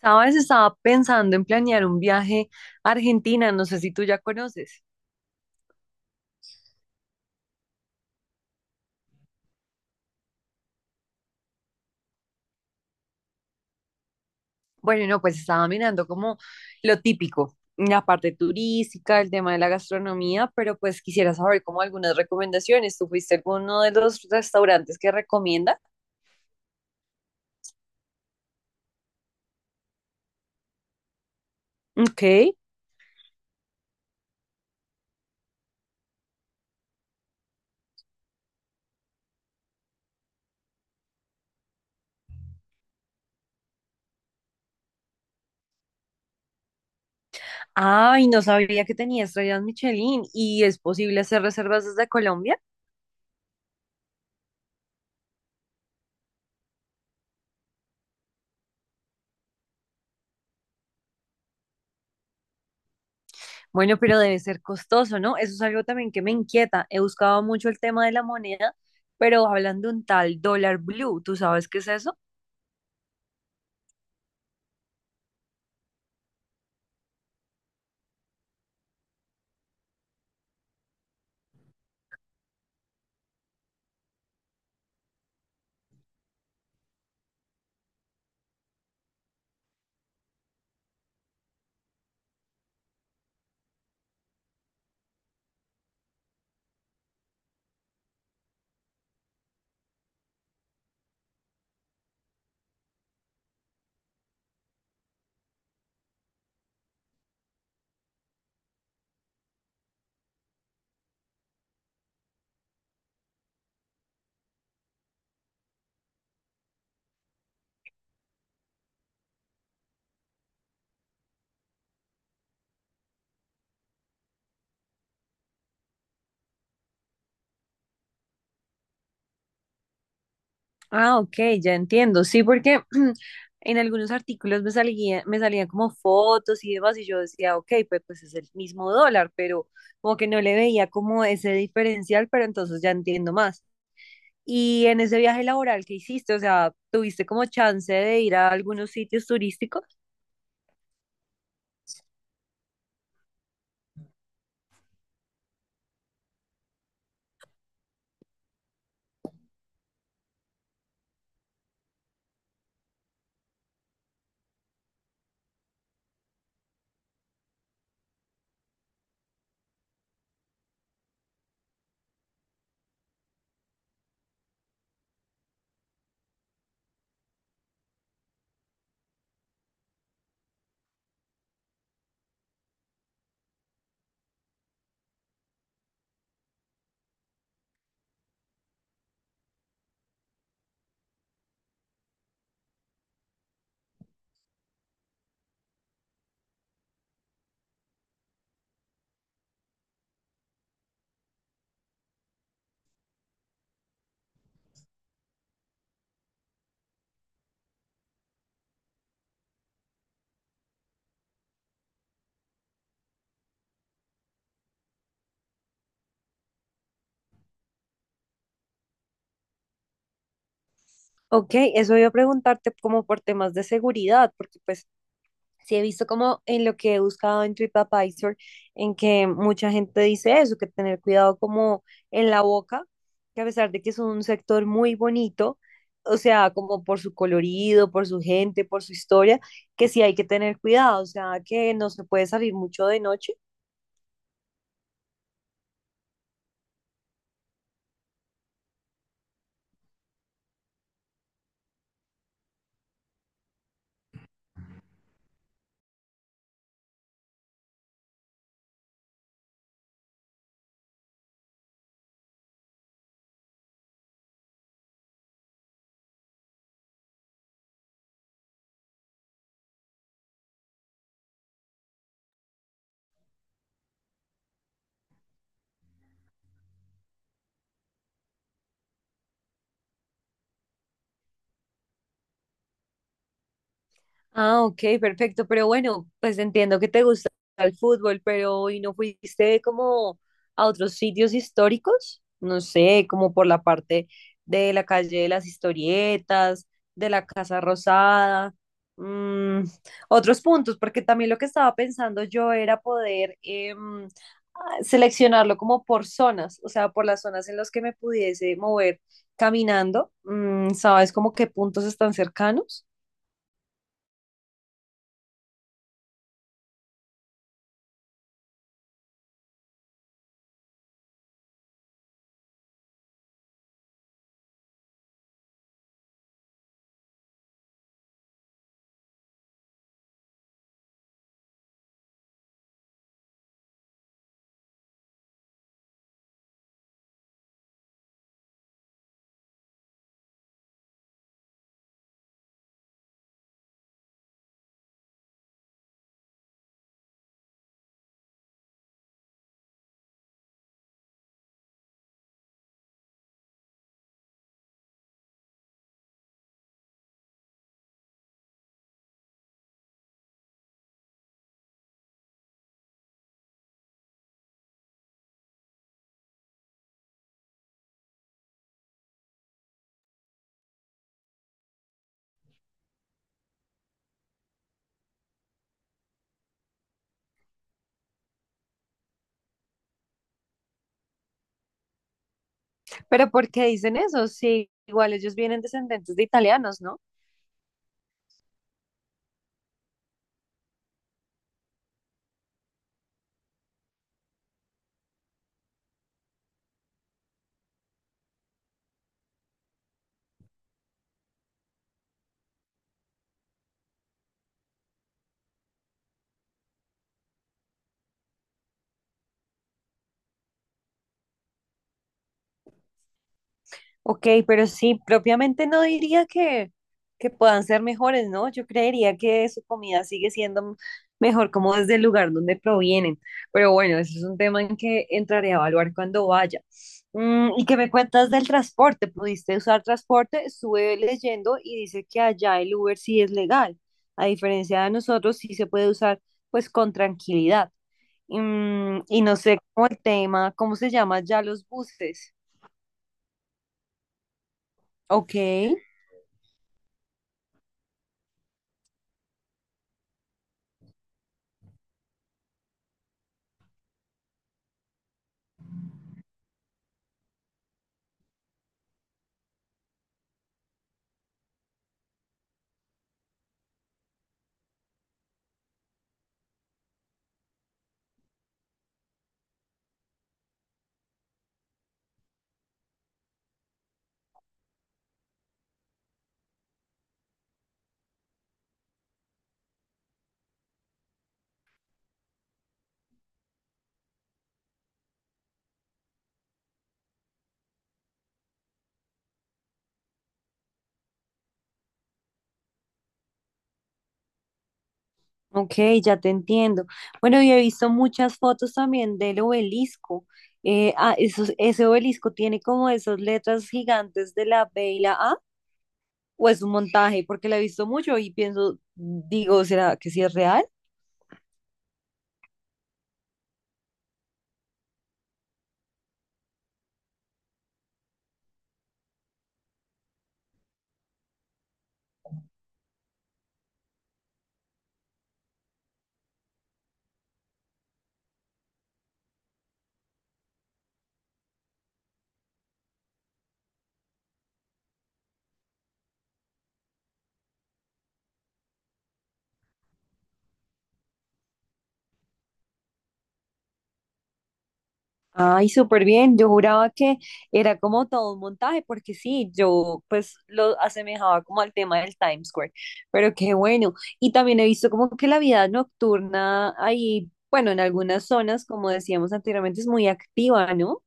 Sabes, estaba pensando en planear un viaje a Argentina, no sé si tú ya conoces. Bueno, no, pues estaba mirando como lo típico, la parte turística, el tema de la gastronomía, pero pues quisiera saber como algunas recomendaciones. ¿Tú fuiste a alguno de los restaurantes que recomienda? Ok. Ay, no sabía que tenía estrellas Michelin y es posible hacer reservas desde Colombia. Bueno, pero debe ser costoso, ¿no? Eso es algo también que me inquieta. He buscado mucho el tema de la moneda, pero hablan de un tal dólar blue, ¿tú sabes qué es eso? Ah, ok, ya entiendo. Sí, porque en algunos artículos me salía, me salían como fotos y demás, y yo decía, ok, pues es el mismo dólar, pero como que no le veía como ese diferencial, pero entonces ya entiendo más. Y en ese viaje laboral que hiciste, o sea, ¿tuviste como chance de ir a algunos sitios turísticos? Ok, eso iba a preguntarte como por temas de seguridad, porque pues sí he visto como en lo que he buscado en TripAdvisor, en que mucha gente dice eso, que tener cuidado como en la boca, que a pesar de que es un sector muy bonito, o sea, como por su colorido, por su gente, por su historia, que sí hay que tener cuidado, o sea, que no se puede salir mucho de noche. Ah, ok, perfecto. Pero bueno, pues entiendo que te gusta el fútbol, pero ¿y no fuiste como a otros sitios históricos? No sé, como por la parte de la calle de las historietas, de la Casa Rosada, mm, otros puntos, porque también lo que estaba pensando yo era poder seleccionarlo como por zonas, o sea, por las zonas en las que me pudiese mover caminando. Mm, ¿sabes como qué puntos están cercanos? Pero ¿por qué dicen eso? Sí, igual ellos vienen descendentes de italianos, ¿no? Ok, pero sí, propiamente no diría que puedan ser mejores, ¿no? Yo creería que su comida sigue siendo mejor como desde el lugar donde provienen. Pero bueno, eso es un tema en que entraré a evaluar cuando vaya. Mm, ¿y qué me cuentas del transporte? ¿Pudiste usar transporte? Estuve leyendo y dice que allá el Uber sí es legal. A diferencia de nosotros, sí se puede usar pues con tranquilidad. Mm, y no sé cómo el tema, ¿cómo se llama ya los buses? Ok. Ok, ya te entiendo. Bueno, yo he visto muchas fotos también del obelisco. Ese obelisco tiene como esas letras gigantes de la B y la A, o es un montaje, porque la he visto mucho y pienso, digo, ¿será que sí es real? Ay, súper bien. Yo juraba que era como todo un montaje, porque sí, yo pues lo asemejaba como al tema del Times Square, pero qué bueno. Y también he visto como que la vida nocturna ahí, bueno, en algunas zonas, como decíamos anteriormente, es muy activa, ¿no?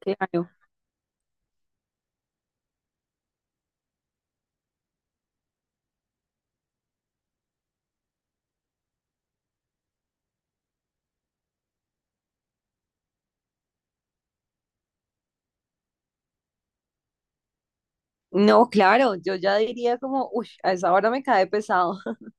Claro. No, claro, yo ya diría como, uy, a esa hora me cae pesado.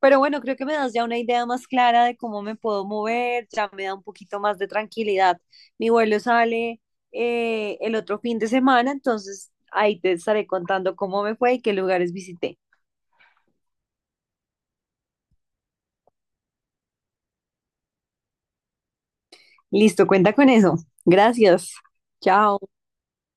Pero bueno, creo que me das ya una idea más clara de cómo me puedo mover, ya me da un poquito más de tranquilidad. Mi vuelo sale el otro fin de semana, entonces ahí te estaré contando cómo me fue y qué lugares visité. Listo, cuenta con eso. Gracias. Chao.